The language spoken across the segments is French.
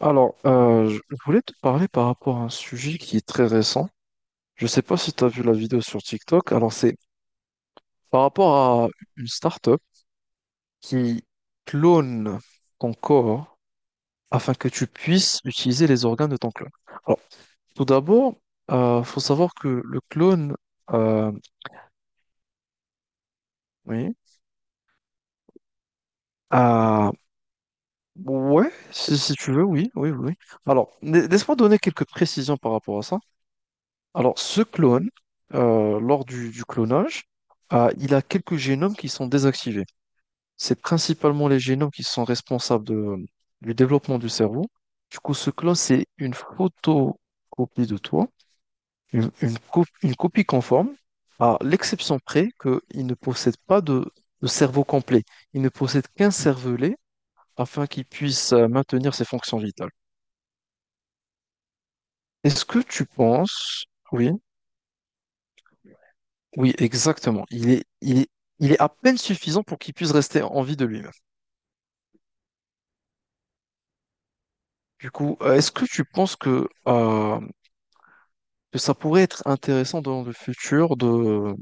Je voulais te parler par rapport à un sujet qui est très récent. Je ne sais pas si tu as vu la vidéo sur TikTok. Alors, c'est par rapport à une startup qui clone ton corps afin que tu puisses utiliser les organes de ton clone. Alors, tout d'abord, il faut savoir que le clone, euh, oui, ah, ouais, si, si tu veux, oui, oui, oui. Alors, laisse-moi donner quelques précisions par rapport à ça. Alors, ce clone, lors du clonage, il a quelques génomes qui sont désactivés. C'est principalement les génomes qui sont responsables du développement du cerveau. Du coup, ce clone, c'est une photocopie de toi, une copie conforme, à l'exception près qu'il ne possède pas de, de cerveau complet. Il ne possède qu'un cervelet afin qu'il puisse maintenir ses fonctions vitales. Est-ce que tu penses, oui, oui, exactement. Il est à peine suffisant pour qu'il puisse rester en vie de lui-même. Du coup, est-ce que tu penses que ça pourrait être intéressant dans le futur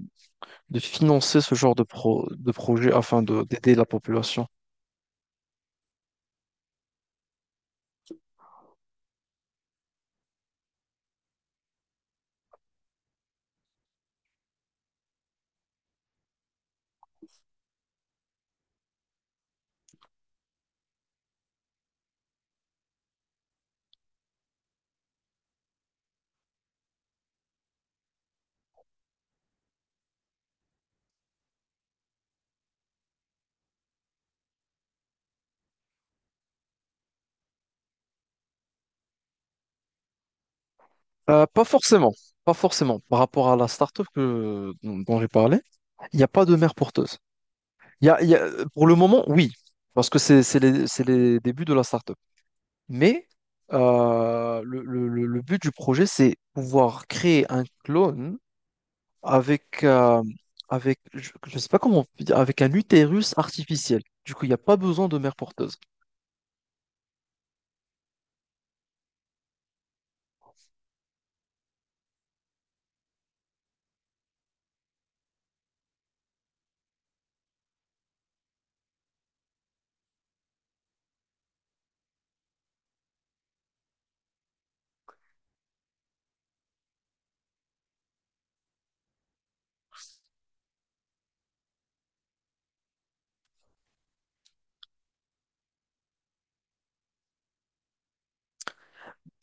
de financer ce genre de, pro, de projet afin de, d'aider la population? Pas forcément, pas forcément. Par rapport à la start-up que, dont j'ai parlé, il n'y a pas de mère porteuse. Il y a, pour le moment, oui, parce que c'est les, c'est les débuts de la start-up. Mais le, le but du projet, c'est pouvoir créer un clone avec, avec je ne sais pas comment on peut dire, avec un utérus artificiel. Du coup, il n'y a pas besoin de mère porteuse.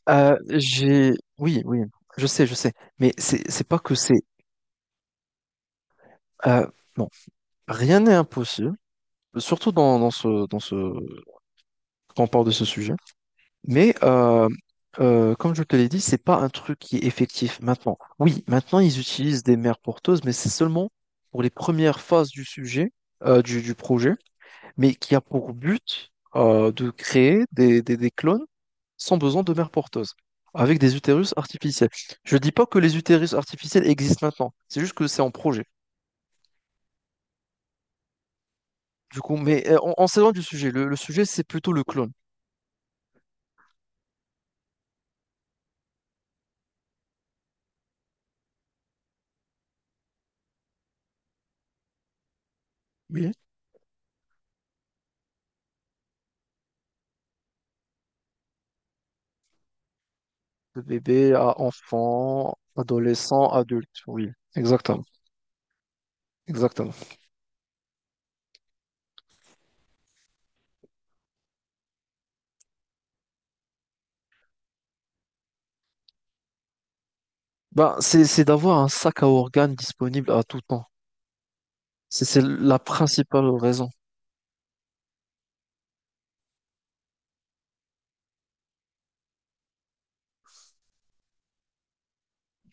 J'ai, oui, oui, je sais, je sais. Mais c'est pas que c'est. euh, bon, rien n'est impossible. Surtout dans, quand on parle de ce sujet. Mais comme je te l'ai dit, c'est pas un truc qui est effectif maintenant. Oui, maintenant ils utilisent des mères porteuses, mais c'est seulement pour les premières phases du sujet, du projet, mais qui a pour but de créer des clones sans besoin de mères porteuses, avec des utérus artificiels. Je dis pas que les utérus artificiels existent maintenant, c'est juste que c'est en projet. Du coup, mais on s'éloigne du sujet. Le sujet, c'est plutôt le clone. Oui. De bébé à enfant, adolescent, adulte. Oui, exactement. Exactement. Ben, c'est d'avoir un sac à organes disponible à tout temps. C'est la principale raison.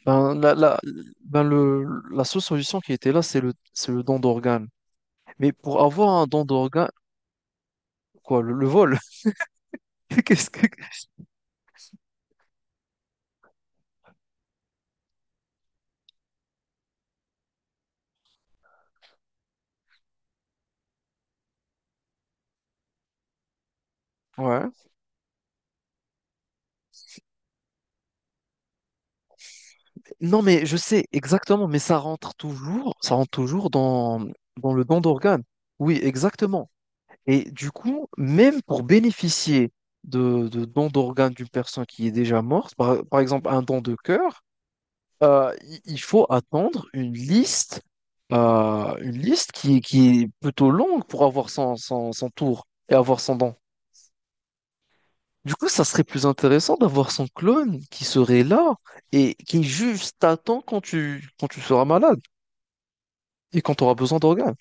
Ben, la, ben, le, la seule solution qui était là, c'est le don d'organes. Mais pour avoir un don d'organe, quoi, le vol? Qu'est-ce que... Ouais. Non, mais je sais exactement, mais ça rentre toujours dans, dans le don d'organes. Oui, exactement. Et du coup, même pour bénéficier de don d'organes d'une personne qui est déjà morte, par, par exemple un don de cœur, il faut attendre une liste qui est plutôt longue pour avoir son, son, son tour et avoir son don. Du coup, ça serait plus intéressant d'avoir son clone qui serait là et qui juste t'attend quand tu seras malade et quand tu auras besoin d'organes.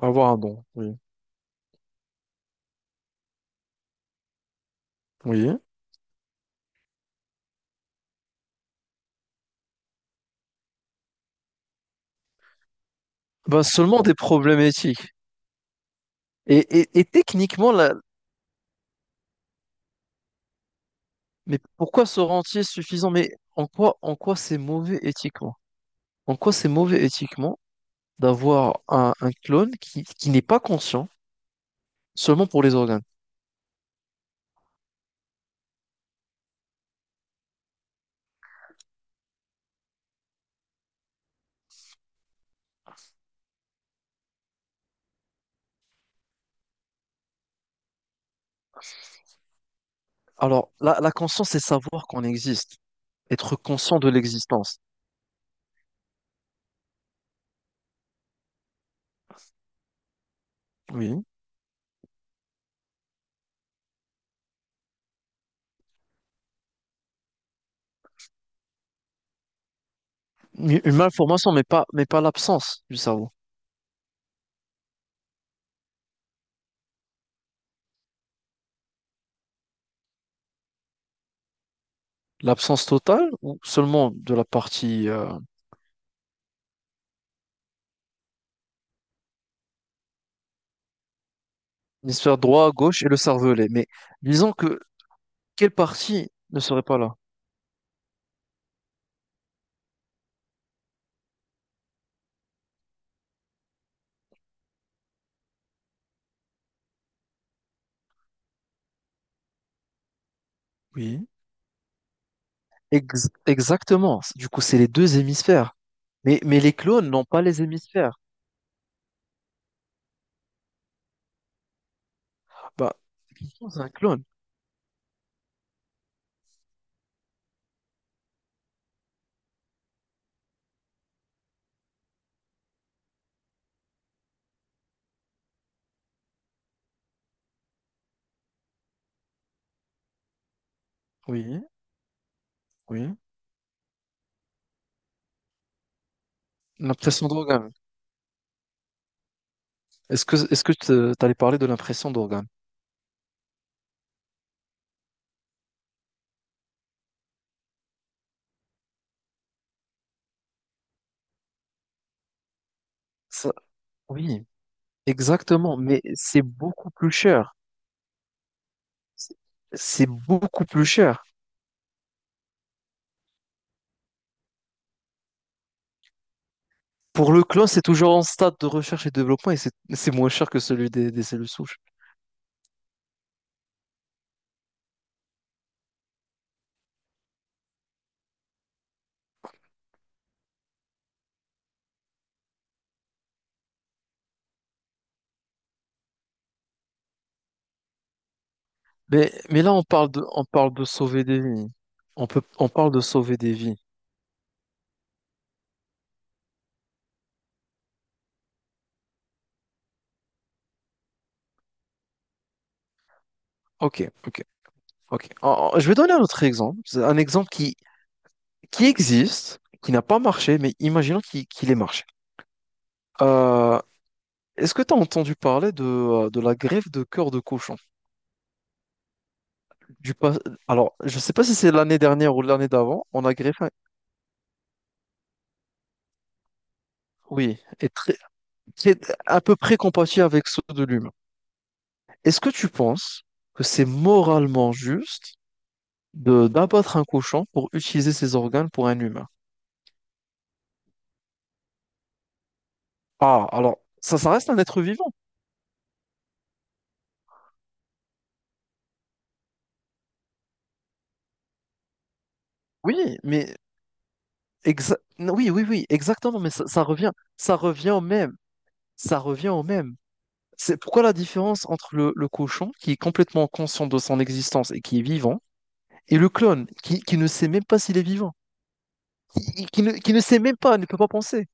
Avoir un don, oui. Oui. Ben seulement des problèmes éthiques. Et techniquement, là, mais pourquoi se rentier suffisant? Mais en quoi c'est mauvais éthiquement? En quoi c'est mauvais éthiquement d'avoir un clone qui n'est pas conscient seulement pour les organes? Alors, la conscience, c'est savoir qu'on existe, être conscient de l'existence. Oui. Une malformation, mais pas l'absence du cerveau. L'absence totale ou seulement de la partie hémisphère droit, gauche et le cervelet. Mais disons que quelle partie ne serait pas là? Oui. Exactement. Du coup, c'est les deux hémisphères. Mais les clones n'ont pas les hémisphères. Bah, c'est un clone. Oui, oui. L'impression d'organe. Est-ce que, t'allais parler de l'impression d'organe? Ça, oui, exactement. Mais c'est beaucoup plus cher. C'est c'est beaucoup plus cher. Pour le clone, c'est toujours en stade de recherche et développement et c'est moins cher que celui des cellules souches. Mais là, on parle de sauver des vies. On peut, on parle de sauver des vies. Ok, ok, ok. Je vais donner un autre exemple. C'est un exemple qui existe, qui n'a pas marché, mais imaginons qu'il ait marché. Euh, est-ce que tu as entendu parler de la greffe de cœur de cochon? Du pas... Alors, je ne sais pas si c'est l'année dernière ou l'année d'avant, on a greffé. Oui, et très, c'est à peu près compatible avec ceux de l'humain. Est-ce que tu penses que c'est moralement juste de d'abattre un cochon pour utiliser ses organes pour un humain? Ah, alors, ça reste un être vivant. Oui, mais non, oui, oui, oui, exactement, mais ça, ça revient au même, ça revient au même. C'est pourquoi la différence entre le cochon, qui est complètement conscient de son existence et qui est vivant, et le clone, qui ne sait même pas s'il est vivant, qui ne sait même pas, ne peut pas penser.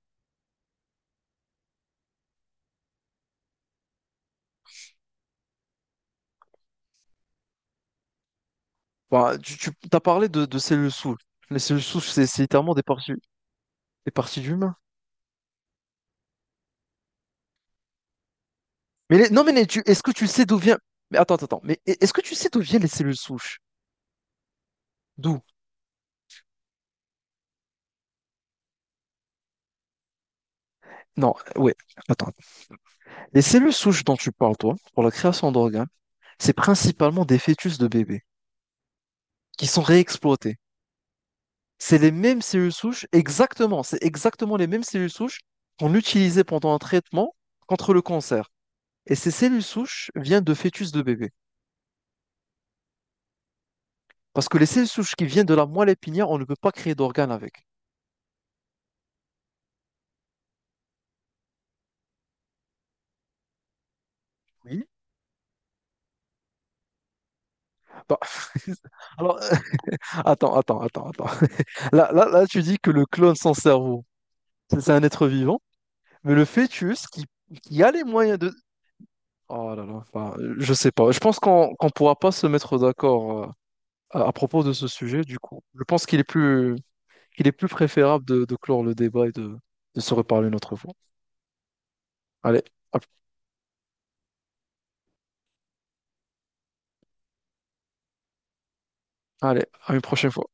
Bah, tu t'as parlé de cellules souches. Les cellules souches, c'est littéralement des parties d'humains. Non, est-ce que tu sais d'où vient... Mais attends, attends, attends. Mais est-ce que tu sais d'où viennent les cellules souches? D'où? Non, ouais, attends. Les cellules souches dont tu parles, toi, pour la création d'organes, c'est principalement des fœtus de bébés qui sont réexploités. C'est les mêmes cellules souches, exactement, c'est exactement les mêmes cellules souches qu'on utilisait pendant un traitement contre le cancer. Et ces cellules souches viennent de fœtus de bébés. Parce que les seules souches qui viennent de la moelle épinière, on ne peut pas créer d'organes avec. Oui. Bah, alors, attends, attends, attends, attends. Là, là, là, tu dis que le clone sans cerveau, c'est un être vivant, mais le fœtus qui a les moyens de... Oh là là, enfin, je sais pas. Je pense qu'on pourra pas se mettre d'accord à propos de ce sujet, du coup. Je pense qu'il est plus préférable de clore le débat et de se reparler une autre fois. Allez, hop, allez, à une prochaine fois.